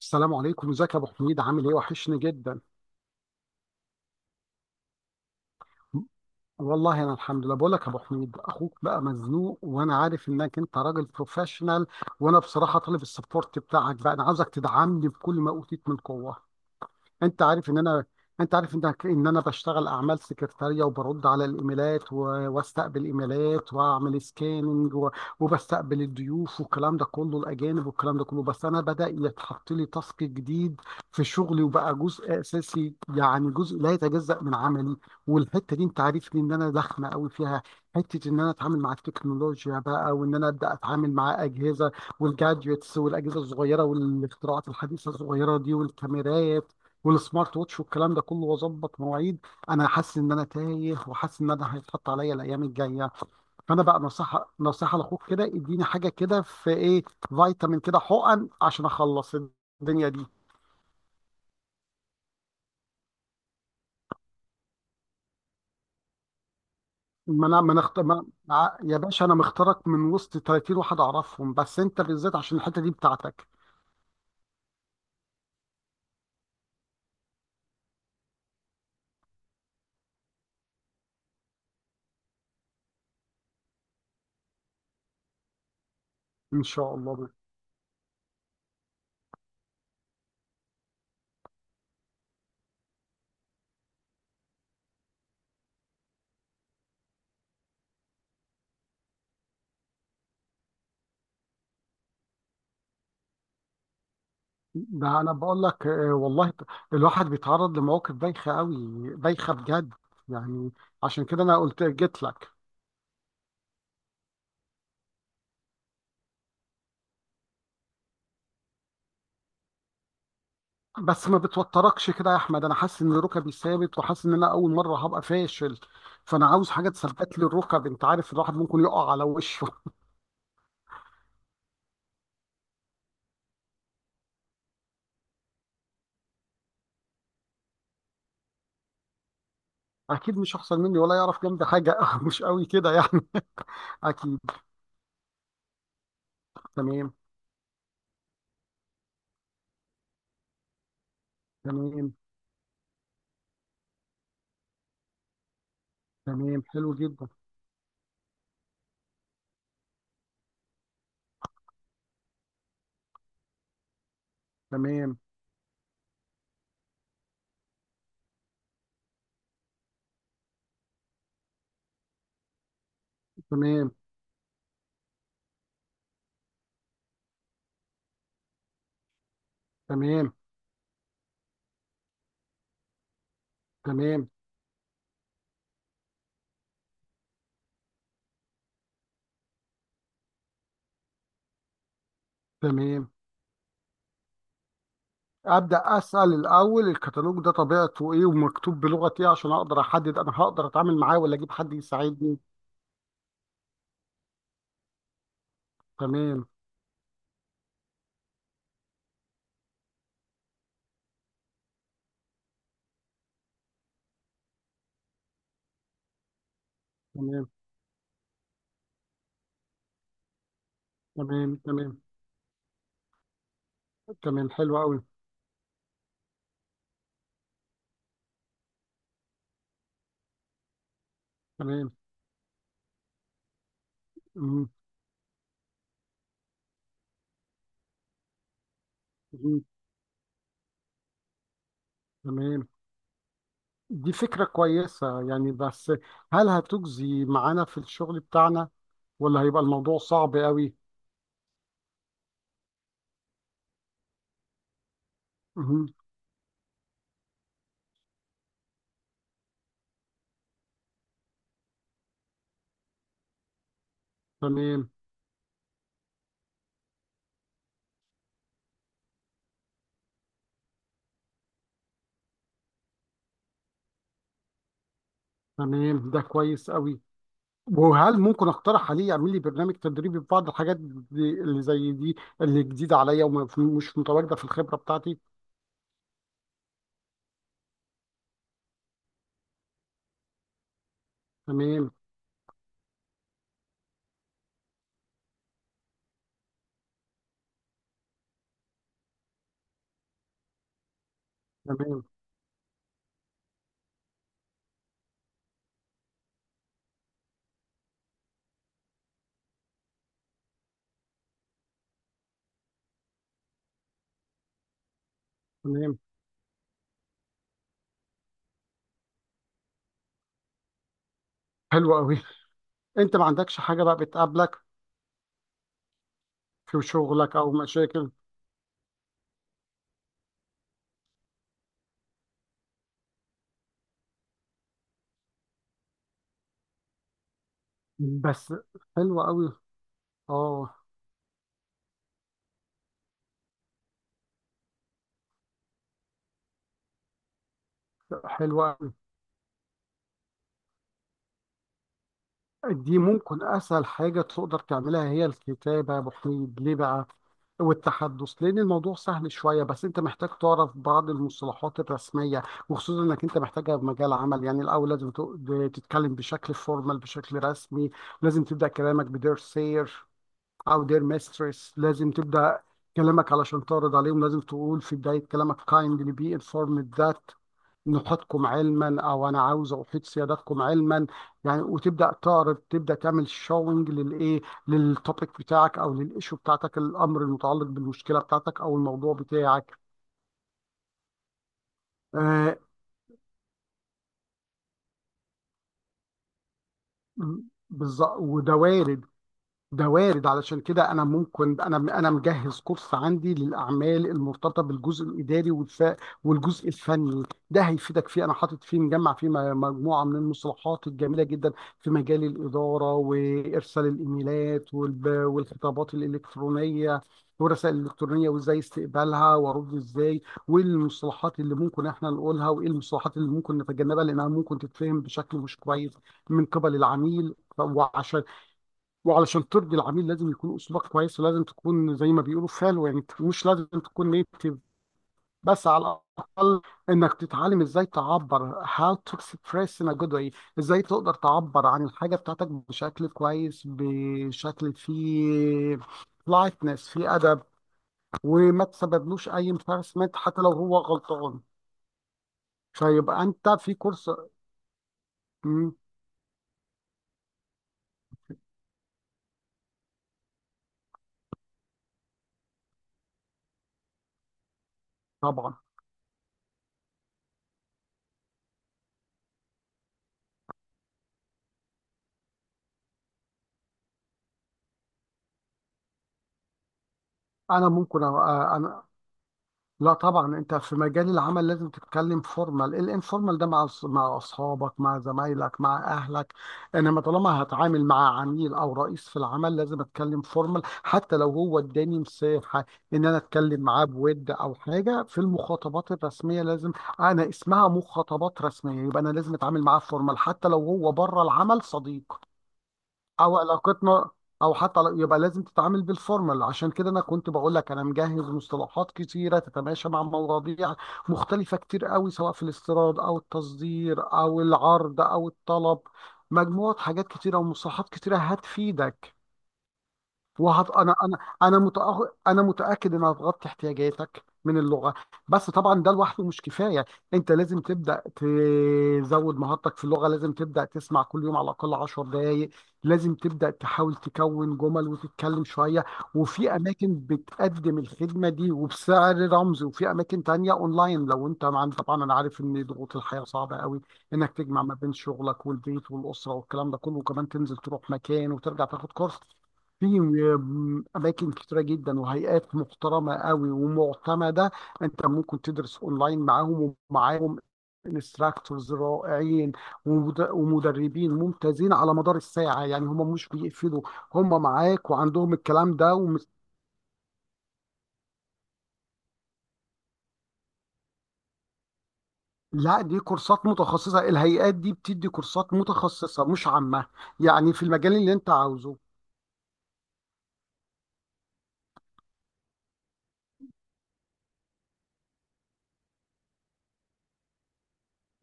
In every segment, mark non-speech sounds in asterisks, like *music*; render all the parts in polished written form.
السلام عليكم. ازيك يا ابو حميد؟ عامل ايه؟ وحشني جدا. والله انا الحمد لله. بقول لك يا ابو حميد، اخوك بقى مزنوق، وانا عارف انك انت راجل بروفيشنال، وانا بصراحه طالب السبورت بتاعك. بقى انا عاوزك تدعمني بكل ما اوتيت من قوه. انت عارف ان انا انت عارف ان ان انا بشتغل اعمال سكرتاريه، وبرد على الايميلات، واستقبل ايميلات، واعمل سكاننج، وبستقبل الضيوف والكلام ده كله، الاجانب والكلام ده كله. بس انا بدا يتحط لي تاسك جديد في شغلي، وبقى جزء اساسي، يعني جزء لا يتجزأ من عملي. والحته دي انت عارفني ان انا ضخمه قوي فيها، حته ان انا اتعامل مع التكنولوجيا بقى، وان انا ابدا اتعامل مع اجهزه والجادجتس والاجهزه الصغيره والاختراعات الحديثه الصغيره دي، والكاميرات والسمارت ووتش والكلام ده كله، واظبط مواعيد. انا حاسس ان انا تايه، وحاسس ان انا هيتحط عليا الايام الجايه. فانا بقى نصيحه لاخوك كده اديني حاجه كده، في ايه؟ فيتامين كده، حقن، عشان اخلص الدنيا دي. ما انا ما نخت... ما... ع- يا باشا، انا مختارك من وسط 30 واحد اعرفهم، بس انت بالذات عشان الحته دي بتاعتك. ان شاء الله. ده انا بقول لك آه، والله الواحد بيتعرض لمواقف بايخه قوي، بايخه بجد يعني. عشان كده انا قلت جيت لك. بس ما بتوتركش كده يا احمد، انا حاسس ان ركبي ثابت، وحاسس ان انا اول مره هبقى فاشل، فانا عاوز حاجه تثبت لي الركب. انت عارف، الواحد ممكن يقع على وشه *laughs* اكيد مش احسن مني ولا يعرف جنبي حاجه *laughs* مش قوي كده يعني. اكيد. تمام، تمام، تمام. حلو جدا. تمام، تمام، تمام، تمام، تمام. ابدا اسال الاول الكتالوج ده طبيعته ايه، ومكتوب بلغه ايه، عشان اقدر احدد انا هقدر اتعامل معاه ولا اجيب حد يساعدني. تمام، تمام، تمام، تمام، تمام. حلو قوي. تمام. مم. مم. تمام، دي فكرة كويسة يعني. بس هل هتجزي معانا في الشغل بتاعنا، ولا هيبقى الموضوع صعب قوي؟ مم. تمام. تمام، ده كويس قوي. وهل ممكن اقترح عليه يعمل لي برنامج تدريبي في بعض الحاجات دي اللي زي دي، اللي جديدة عليا، ومش متواجدة في الخبرة بتاعتي؟ تمام. تمام. تمام. حلو قوي. انت ما عندكش حاجة بقى بتقابلك في شغلك، او مشاكل؟ بس. حلو قوي. اه. حلو، دي ممكن اسهل حاجه تقدر تعملها هي الكتابه يا ابو حميد. ليه بقى؟ والتحدث لان الموضوع سهل شويه، بس انت محتاج تعرف بعض المصطلحات الرسميه، وخصوصا انك انت محتاجها في مجال عمل. يعني الاول لازم تتكلم بشكل فورمال، بشكل رسمي. لازم تبدا كلامك بدير سير او دير ميسترس. لازم تبدا كلامك علشان تعرض عليهم، لازم تقول في بدايه كلامك kindly be informed that، نحيطكم علما، او انا عاوز احيط سيادتكم علما، يعني. وتبدا تعرض، تبدا تعمل شوينج للايه، للتوبيك بتاعك او للايشو بتاعتك، الامر المتعلق بالمشكله بتاعتك او الموضوع بتاعك. آه بالظبط، وده وارد، ده وارد. علشان كده انا ممكن، انا مجهز كورس عندي للاعمال المرتبطه بالجزء الاداري والجزء الفني. ده هيفيدك فيه. انا حاطط فيه، مجمع فيه مجموعه من المصطلحات الجميله جدا في مجال الاداره، وارسال الايميلات والخطابات الالكترونيه والرسائل الالكترونيه، وازاي استقبالها، وارد ازاي، والمصطلحات اللي ممكن احنا نقولها، وايه المصطلحات اللي ممكن نتجنبها لانها ممكن تتفهم بشكل مش كويس من قبل العميل. وعلشان ترضي العميل، لازم يكون اسلوبك كويس، ولازم تكون زي ما بيقولوا فالو يعني، مش لازم تكون نيتيف، بس على الاقل انك تتعلم ازاي تعبر، how to express in a good way، ازاي تقدر تعبر عن الحاجه بتاعتك بشكل كويس، بشكل فيه لايتنس، فيه ادب، وما تسببلوش اي embarrassment حتى لو هو غلطان. فيبقى انت في كورس. مم، طبعا. انا ممكن لا، طبعا انت في مجال العمل لازم تتكلم فورمال. الانفورمال ده مع مع اصحابك، مع زمايلك، مع اهلك، انما طالما هتعامل مع عميل او رئيس في العمل لازم اتكلم فورمال، حتى لو هو اداني مساحه ان انا اتكلم معاه بود او حاجه. في المخاطبات الرسميه، لازم، انا اسمها مخاطبات رسميه، يبقى انا لازم اتعامل معاه فورمال، حتى لو هو بره العمل صديق او علاقتنا، او يبقى لازم تتعامل بالفورمال. عشان كده انا كنت بقول لك انا مجهز مصطلحات كتيره تتماشى مع مواضيع مختلفه كتير قوي، سواء في الاستيراد او التصدير او العرض او الطلب. مجموعه حاجات كتيره ومصطلحات كتيره هتفيدك. وهت... انا انا انا متأخ... انا متاكد انها هتغطي احتياجاتك من اللغه. بس طبعا ده لوحده مش كفايه، انت لازم تبدا تزود مهارتك في اللغه. لازم تبدا تسمع كل يوم على الاقل 10 دقائق. لازم تبدا تحاول تكون جمل وتتكلم شويه. وفي اماكن بتقدم الخدمه دي وبسعر رمزي، وفي اماكن تانية اونلاين، لو انت مع، طبعا انا عارف ان ضغوط الحياه صعبه قوي، انك تجمع ما بين شغلك والبيت والاسره والكلام ده كله، وكمان تنزل تروح مكان وترجع تاخد كورس. في اماكن كتيره جدا وهيئات محترمه قوي ومعتمده، انت ممكن تدرس اونلاين معاهم. ومعاهم انستراكتورز رائعين، ومدربين ممتازين على مدار الساعه، يعني هم مش بيقفلوا، هم معاك، وعندهم الكلام ده لا، دي كورسات متخصصه، الهيئات دي بتدي كورسات متخصصه مش عامه، يعني في المجال اللي انت عاوزه.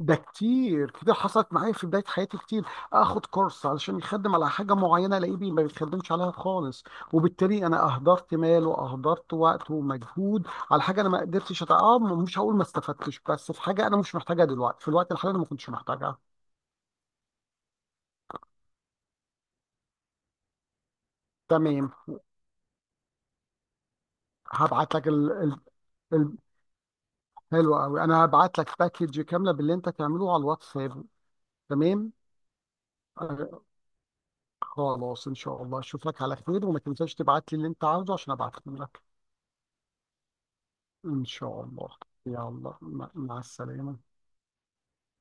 ده كتير، كتير حصلت معايا في بداية حياتي، كتير اخد كورس علشان يخدم على حاجة معينة، الاقيه ما بيخدمش عليها خالص، وبالتالي انا اهدرت مال، واهدرت وقت ومجهود على حاجة انا ما قدرتش مش هقول ما استفدتش، بس في حاجة انا مش محتاجها دلوقتي، في الوقت الحالي انا ما كنتش محتاجها. تمام، هبعت لك ال... حلو قوي، انا هبعت لك باكج كاملة باللي انت تعمله على الواتساب. تمام، آه، خلاص ان شاء الله اشوفك على خير، وما تنساش تبعت لي اللي انت عاوزه عشان ابعته لك. إن شاء الله. يلا، مع السلامة.